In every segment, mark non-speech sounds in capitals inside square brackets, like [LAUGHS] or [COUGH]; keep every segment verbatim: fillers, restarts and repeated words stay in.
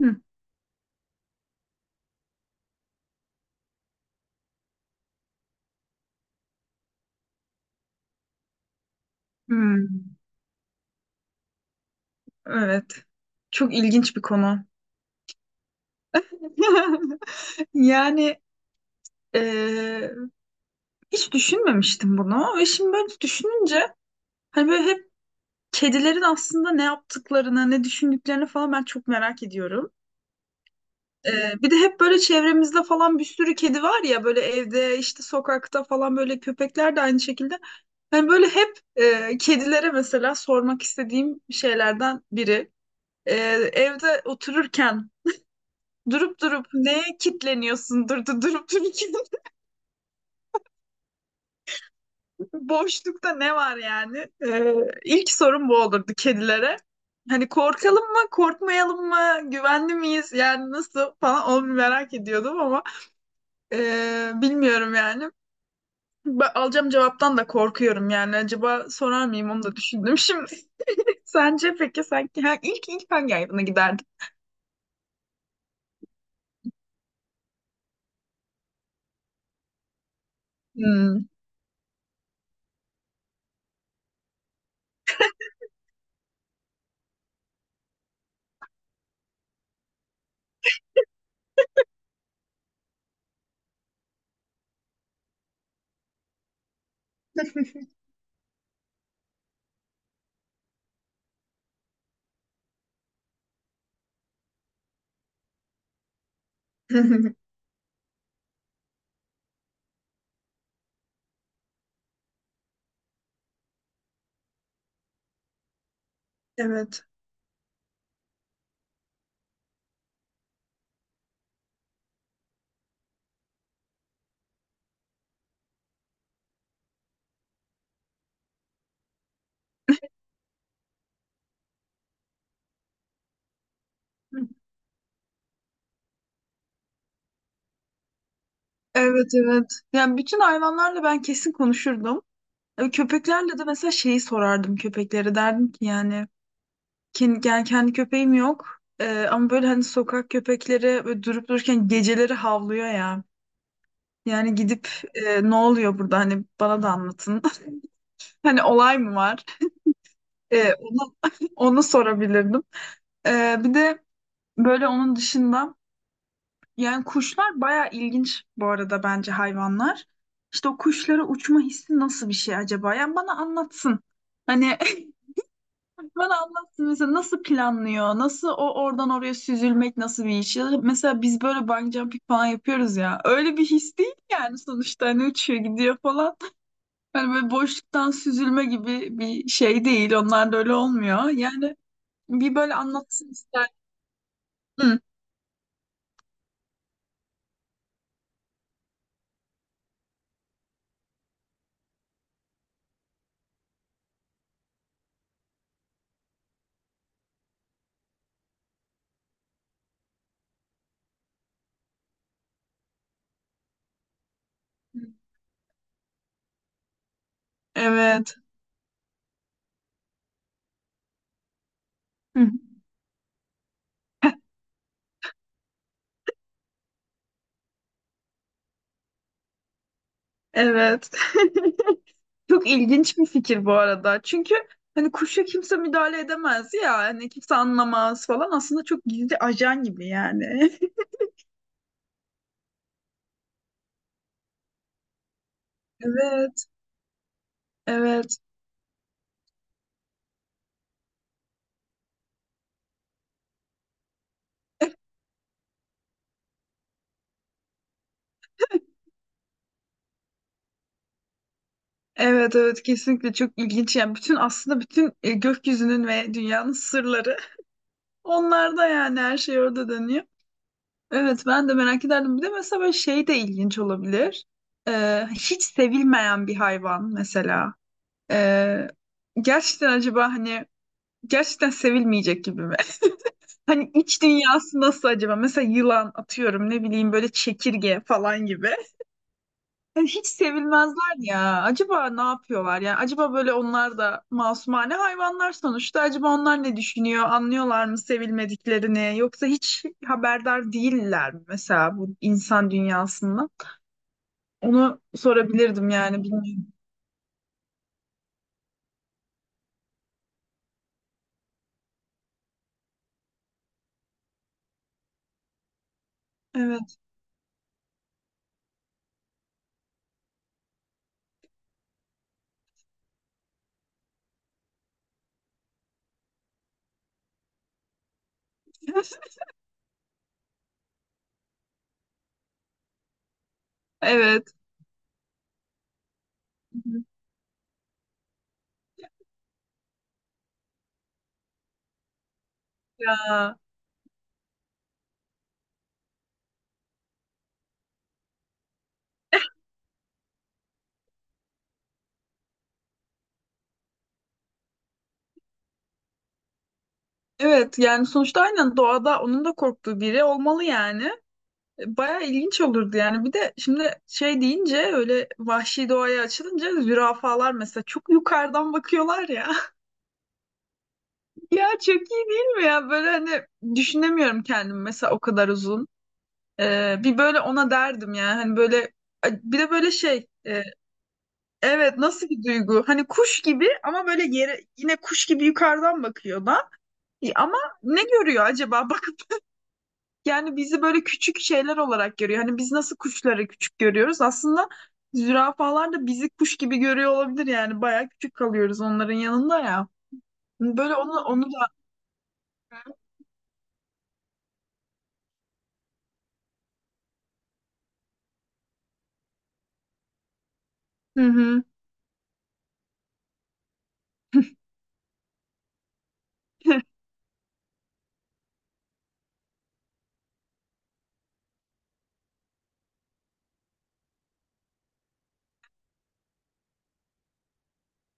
Hı. Hmm, evet. Çok ilginç bir konu. [LAUGHS] Yani eee, hiç düşünmemiştim bunu. Ve şimdi böyle düşününce hani böyle hep kedilerin aslında ne yaptıklarını, ne düşündüklerini falan ben çok merak ediyorum. Eee, bir de hep böyle çevremizde falan bir sürü kedi var ya böyle evde işte sokakta falan böyle köpekler de aynı şekilde. Hani böyle hep eee, kedilere mesela sormak istediğim şeylerden biri. Eee, evde otururken durup durup neye kitleniyorsun? Dur, dur- durup dururken [LAUGHS] boşlukta ne var yani? Ee, ilk sorum bu olurdu kedilere. Hani korkalım mı, korkmayalım mı, güvenli miyiz? Yani nasıl falan onu bir merak ediyordum ama ee, bilmiyorum yani. Ben alacağım cevaptan da korkuyorum yani. Acaba sorar mıyım onu da düşündüm şimdi. [LAUGHS] Sence peki sen ha, ilk ilk hangi hayvana giderdin? Hmm. [LAUGHS] Evet. Evet, evet. Yani bütün hayvanlarla ben kesin konuşurdum. E, Köpeklerle de mesela şeyi sorardım, köpeklere derdim ki yani kendi, yani kendi köpeğim yok. E, ama böyle hani sokak köpekleri böyle durup dururken geceleri havlıyor ya. Yani gidip e, ne oluyor burada, hani bana da anlatın. [LAUGHS] Hani olay mı var? E, onu, [LAUGHS] onu sorabilirdim. E, bir de böyle onun dışında yani kuşlar baya ilginç bu arada bence hayvanlar. İşte o kuşlara uçma hissi nasıl bir şey acaba? Yani bana anlatsın. Hani bana anlatsın, mesela nasıl planlıyor? Nasıl o oradan oraya süzülmek nasıl bir iş? Ya da mesela biz böyle bungee jumping falan yapıyoruz ya. Öyle bir his değil yani sonuçta, hani uçuyor gidiyor falan. Hani böyle boşluktan süzülme gibi bir şey değil. Onlar da öyle olmuyor. Yani bir böyle anlatsın ister. Hı. Evet. Hı. Evet. [LAUGHS] Çok ilginç bir fikir bu arada. Çünkü hani kuşa kimse müdahale edemez ya. Hani kimse anlamaz falan. Aslında çok gizli ajan gibi yani. [LAUGHS] Evet. Evet, evet, evet, kesinlikle çok ilginç. Yani bütün aslında bütün e, gökyüzünün ve dünyanın sırları [LAUGHS] onlarda, yani her şey orada dönüyor. Evet, ben de merak ederdim. Bir de mesela böyle şey de ilginç olabilir. Ee, hiç sevilmeyen bir hayvan mesela. Ee, Gerçekten acaba hani gerçekten sevilmeyecek gibi mi? [LAUGHS] Hani iç dünyası nasıl acaba? Mesela yılan, atıyorum, ne bileyim, böyle çekirge falan gibi. Ya hiç sevilmezler ya. Acaba ne yapıyorlar? Yani acaba böyle onlar da masumane hayvanlar sonuçta. Acaba onlar ne düşünüyor? Anlıyorlar mı sevilmediklerini? Yoksa hiç haberdar değiller mi mesela bu insan dünyasında? Onu sorabilirdim yani, bilmiyorum. Evet. [LAUGHS] Evet. Ya. Evet, yani sonuçta aynen doğada onun da korktuğu biri olmalı yani. Baya ilginç olurdu yani. Bir de şimdi şey deyince, öyle vahşi doğaya açılınca, zürafalar mesela çok yukarıdan bakıyorlar ya. [LAUGHS] Ya çok iyi değil mi ya? Böyle hani düşünemiyorum kendimi mesela o kadar uzun. Ee, bir böyle ona derdim yani, hani böyle bir de böyle şey e, evet, nasıl bir duygu? Hani kuş gibi ama böyle yere yine kuş gibi yukarıdan bakıyor da. E, ama ne görüyor acaba? [LAUGHS] Bak. Yani bizi böyle küçük şeyler olarak görüyor. Hani biz nasıl kuşları küçük görüyoruz? Aslında zürafalar da bizi kuş gibi görüyor olabilir yani. Bayağı küçük kalıyoruz onların yanında ya. Hani böyle onu onu da. Hı hı. [LAUGHS]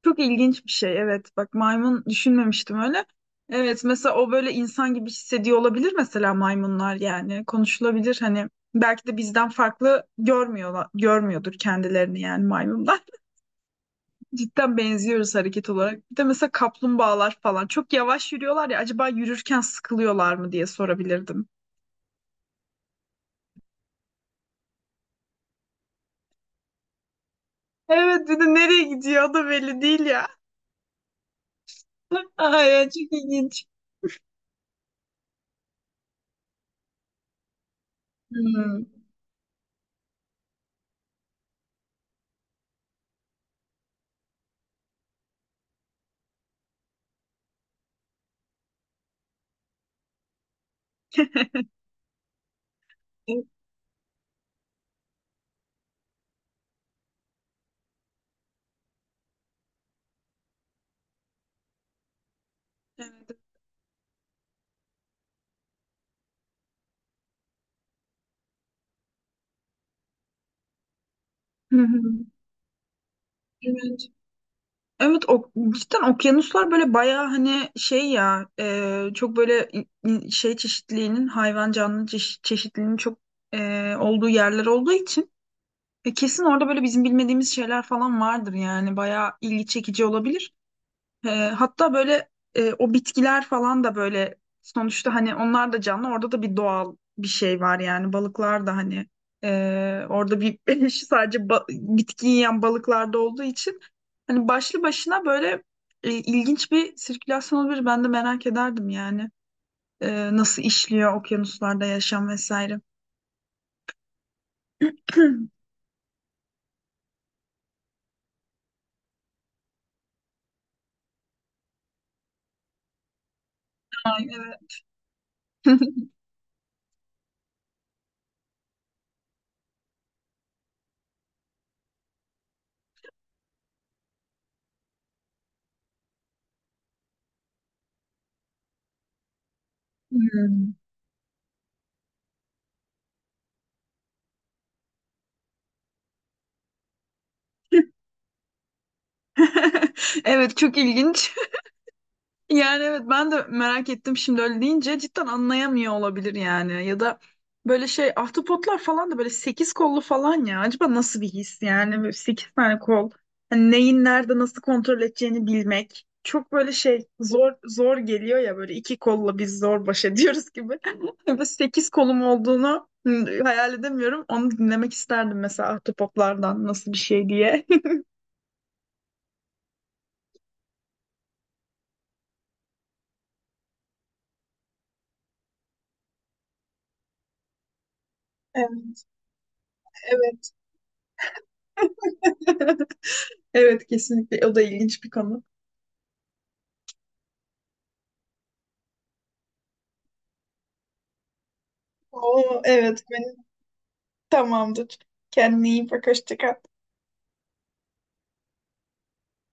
Çok ilginç bir şey. Evet. Bak, maymun düşünmemiştim öyle. Evet, mesela o böyle insan gibi hissediyor olabilir mesela, maymunlar yani konuşulabilir, hani belki de bizden farklı görmüyorlar, görmüyordur kendilerini yani maymunlar. Cidden benziyoruz hareket olarak. Bir de mesela kaplumbağalar falan. Çok yavaş yürüyorlar ya, acaba yürürken sıkılıyorlar mı diye sorabilirdim. Evet, bir de nereye gidiyor o da belli değil ya. [LAUGHS] Ay ya, çok ilginç. Hmm. Evet. Evet. Hı hı. Evet. Evet, o, cidden okyanuslar böyle bayağı hani şey ya, e, çok böyle i- i- şey çeşitliliğinin, hayvan canlı çeşi- çeşitliliğinin çok e, olduğu yerler olduğu için E, kesin orada böyle bizim bilmediğimiz şeyler falan vardır yani, bayağı ilgi çekici olabilir. E, hatta böyle e, o bitkiler falan da böyle sonuçta hani onlar da canlı, orada da bir doğal bir şey var yani, balıklar da hani e, orada bir [LAUGHS] sadece ba- bitki yiyen balıklarda olduğu için hani başlı başına böyle e, ilginç bir sirkülasyon olabilir. Ben de merak ederdim yani. E, nasıl işliyor okyanuslarda yaşam vesaire. [CLEARS THROAT] Ay, evet. [LAUGHS] Hmm. [LAUGHS] Evet, çok ilginç. [LAUGHS] Yani evet, ben de merak ettim şimdi öyle deyince, cidden anlayamıyor olabilir yani. Ya da böyle şey, ahtapotlar falan da böyle sekiz kollu falan ya. Acaba nasıl bir his yani, böyle sekiz tane kol. Hani neyin nerede nasıl kontrol edeceğini bilmek. Çok böyle şey zor, zor geliyor ya, böyle iki kolla biz zor baş ediyoruz gibi. [LAUGHS] Böyle sekiz kolum olduğunu hı, hayal edemiyorum. Onu dinlemek isterdim mesela, ahtapotlardan nasıl bir şey diye. [LAUGHS] Evet, evet. [LAUGHS] Evet, kesinlikle. O da ilginç bir konu. Oo, evet, benim tamamdır. Kendine iyi bak, hoşça kal.